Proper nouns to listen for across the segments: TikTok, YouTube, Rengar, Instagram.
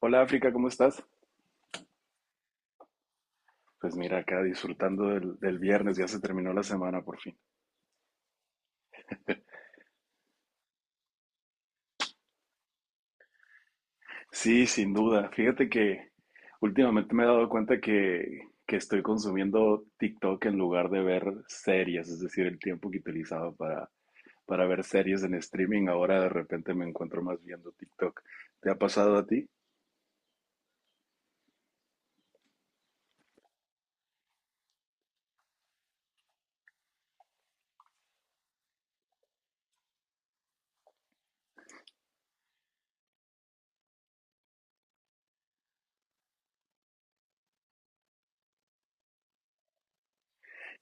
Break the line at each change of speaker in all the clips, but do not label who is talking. Hola África, ¿cómo estás? Pues mira, acá disfrutando del viernes, ya se terminó la semana por fin. Sí, sin duda. Fíjate que últimamente me he dado cuenta que estoy consumiendo TikTok en lugar de ver series, es decir, el tiempo que utilizaba para ver series en streaming, ahora de repente me encuentro más viendo TikTok. ¿Te ha pasado a ti?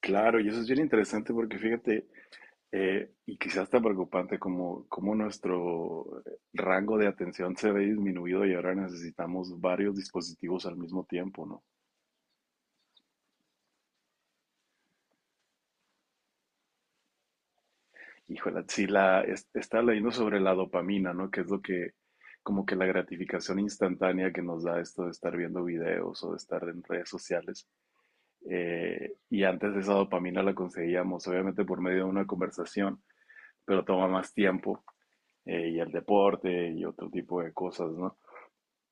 Claro, y eso es bien interesante porque fíjate, y quizás tan preocupante como, como nuestro rango de atención se ve disminuido y ahora necesitamos varios dispositivos al mismo tiempo, ¿no? Híjole, sí, estaba leyendo sobre la dopamina, ¿no? Que es lo que, como que la gratificación instantánea que nos da esto de estar viendo videos o de estar en redes sociales. Y antes esa dopamina la conseguíamos, obviamente, por medio de una conversación, pero toma más tiempo, y el deporte y otro tipo de cosas, ¿no?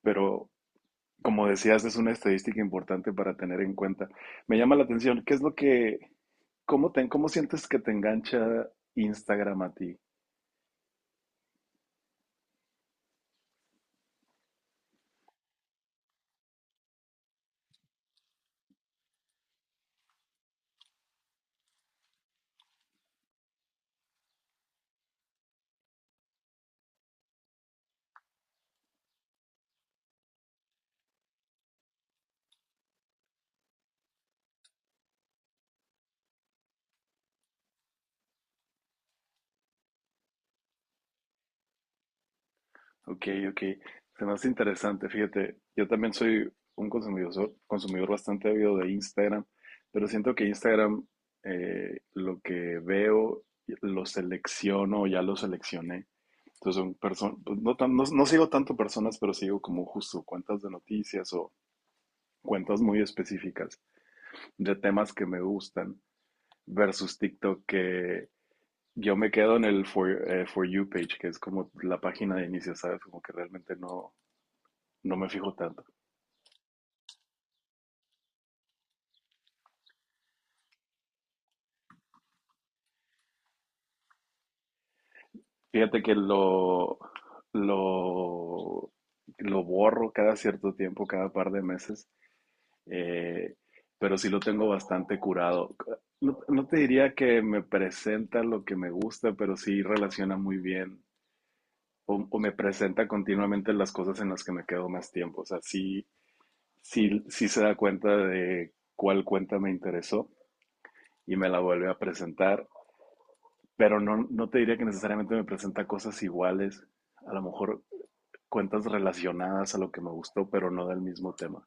Pero como decías, es una estadística importante para tener en cuenta. Me llama la atención, ¿qué es lo que, cómo sientes que te engancha Instagram a ti? Ok, ok, se me hace interesante. Fíjate, yo también soy un consumidor bastante ávido de Instagram, pero siento que Instagram, lo que veo, lo selecciono, ya lo seleccioné. Entonces son personas, no, no sigo tanto personas, pero sigo como justo cuentas de noticias o cuentas muy específicas de temas que me gustan versus TikTok que yo me quedo en el for You page, que es como la página de inicio, ¿sabes? Como que realmente no, no me fijo tanto. Fíjate que lo, lo borro cada cierto tiempo, cada par de meses, eh, pero sí lo tengo bastante curado. No, no te diría que me presenta lo que me gusta, pero sí relaciona muy bien o me presenta continuamente las cosas en las que me quedo más tiempo. O sea, sí, sí, sí se da cuenta de cuál cuenta me interesó y me la vuelve a presentar, pero no, no te diría que necesariamente me presenta cosas iguales, a lo mejor cuentas relacionadas a lo que me gustó, pero no del mismo tema.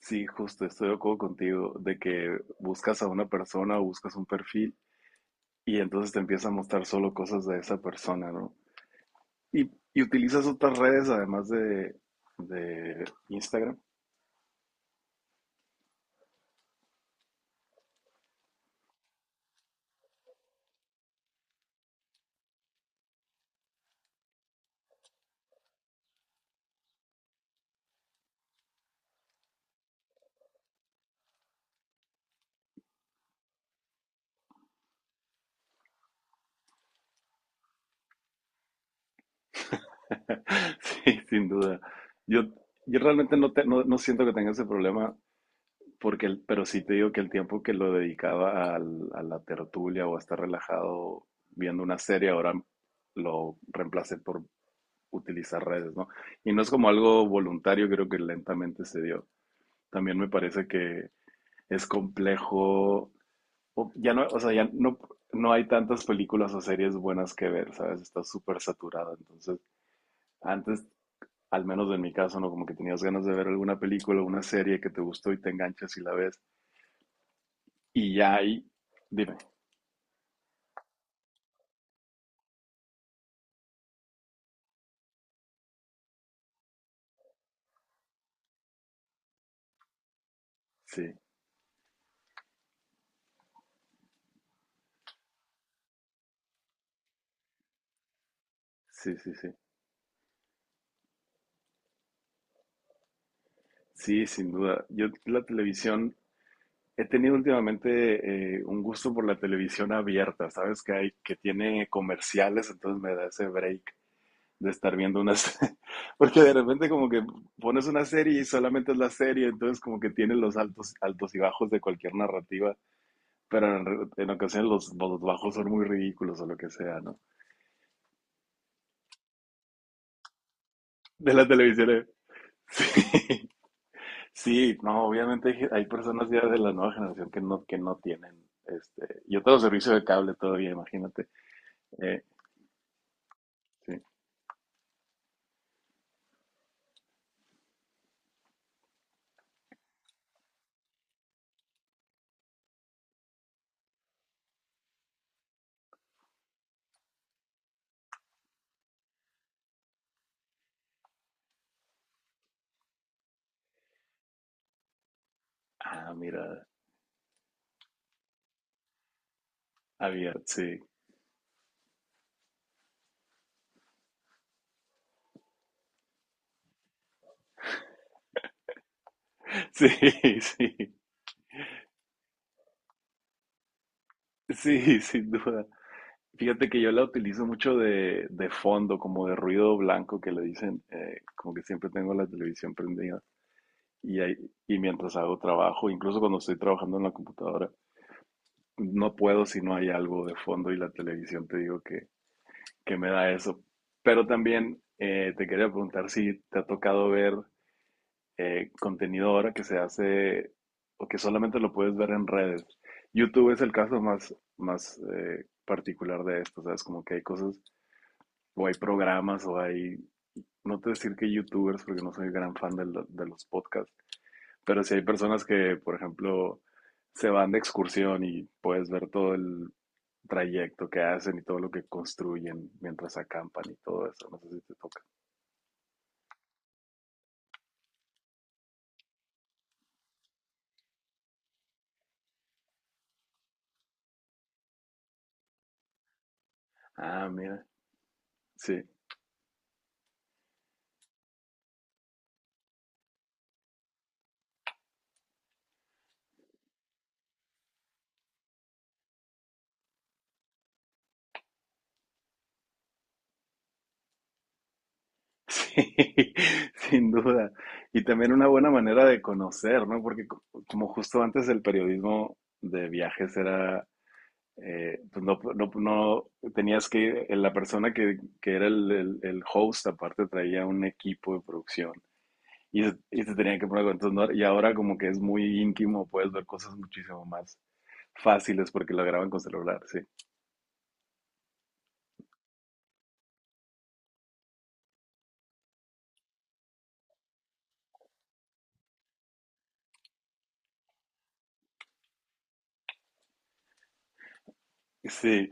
Sí, justo, estoy de acuerdo contigo de que buscas a una persona o buscas un perfil y entonces te empieza a mostrar solo cosas de esa persona, ¿no? Y utilizas otras redes además de Instagram. Sí, sin duda. Yo, yo realmente no, no, no siento que tenga ese problema, porque pero sí te digo que el tiempo que lo dedicaba a la tertulia o a estar relajado viendo una serie, ahora lo reemplacé por utilizar redes, ¿no? Y no es como algo voluntario, creo que lentamente se dio. También me parece que es complejo, o ya no, o sea, ya no, no hay tantas películas o series buenas que ver, ¿sabes? Está súper saturado, entonces... Antes, al menos en mi caso, ¿no? Como que tenías ganas de ver alguna película, una serie que te gustó y te enganchas y la ves. Y ya ahí, dime, sí, sí, sí, sí. Sí, sin duda. Yo la televisión, he tenido últimamente un gusto por la televisión abierta, ¿sabes? Que hay, que tiene comerciales, entonces me da ese break de estar viendo una serie. Porque de repente como que pones una serie y solamente es la serie, entonces como que tiene los altos, altos y bajos de cualquier narrativa, pero en ocasiones los bajos son muy ridículos o lo que sea, ¿no? De la televisión. Sí, sí, no, obviamente hay, hay personas ya de la nueva generación que no tienen, este, yo tengo servicio de cable todavía, imagínate. Eh, sí. Ah, mira, había, sí. Sí, sí, sí, sin duda. Fíjate que yo la utilizo mucho de fondo, como de ruido blanco que le dicen, como que siempre tengo la televisión prendida y, y mientras hago trabajo, incluso cuando estoy trabajando en la computadora, no puedo si no hay algo de fondo, y la televisión te digo que me da eso. Pero también te quería preguntar si te ha tocado ver contenido ahora que se hace o que solamente lo puedes ver en redes. YouTube es el caso más, más particular de esto, ¿sabes? Como que hay cosas o hay programas o hay... No te voy a decir que youtubers, porque no soy gran fan de los podcasts. Pero si hay personas que, por ejemplo, se van de excursión y puedes ver todo el trayecto que hacen y todo lo que construyen mientras acampan y todo eso, no sé si te toca. Ah, mira, sí, sí, sin duda. Y también una buena manera de conocer, ¿no? Porque como justo antes el periodismo de viajes era, pues tenías que, la persona que era el, el host, aparte traía un equipo de producción y y se tenían que poner con entonces, ¿no? Y ahora como que es muy íntimo, puedes ver cosas muchísimo más fáciles porque lo graban con celular, sí. Sí,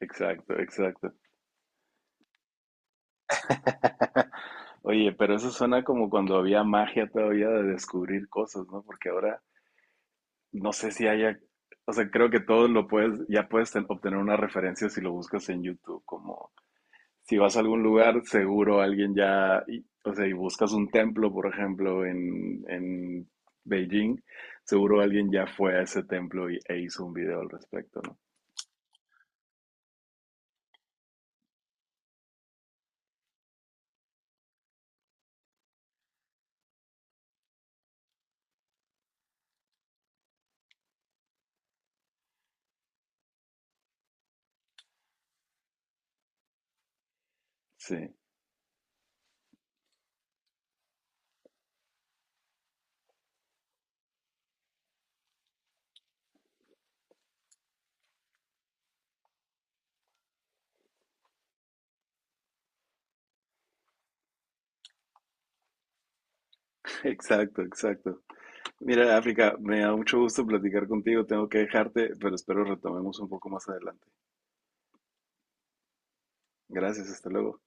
exacto, exacto. Oye, pero eso suena como cuando había magia todavía de descubrir cosas, ¿no? Porque ahora no sé si haya, o sea, creo que todo lo puedes, ya puedes obtener una referencia si lo buscas en YouTube, como si vas a algún lugar, seguro alguien ya, o sea, y buscas un templo, por ejemplo, en Beijing, seguro alguien ya fue a ese templo e hizo un video al respecto, ¿no? Sí, exacto, exacto. Mira, África, me da mucho gusto platicar contigo, tengo que dejarte, pero espero retomemos un poco más adelante. Gracias, hasta luego.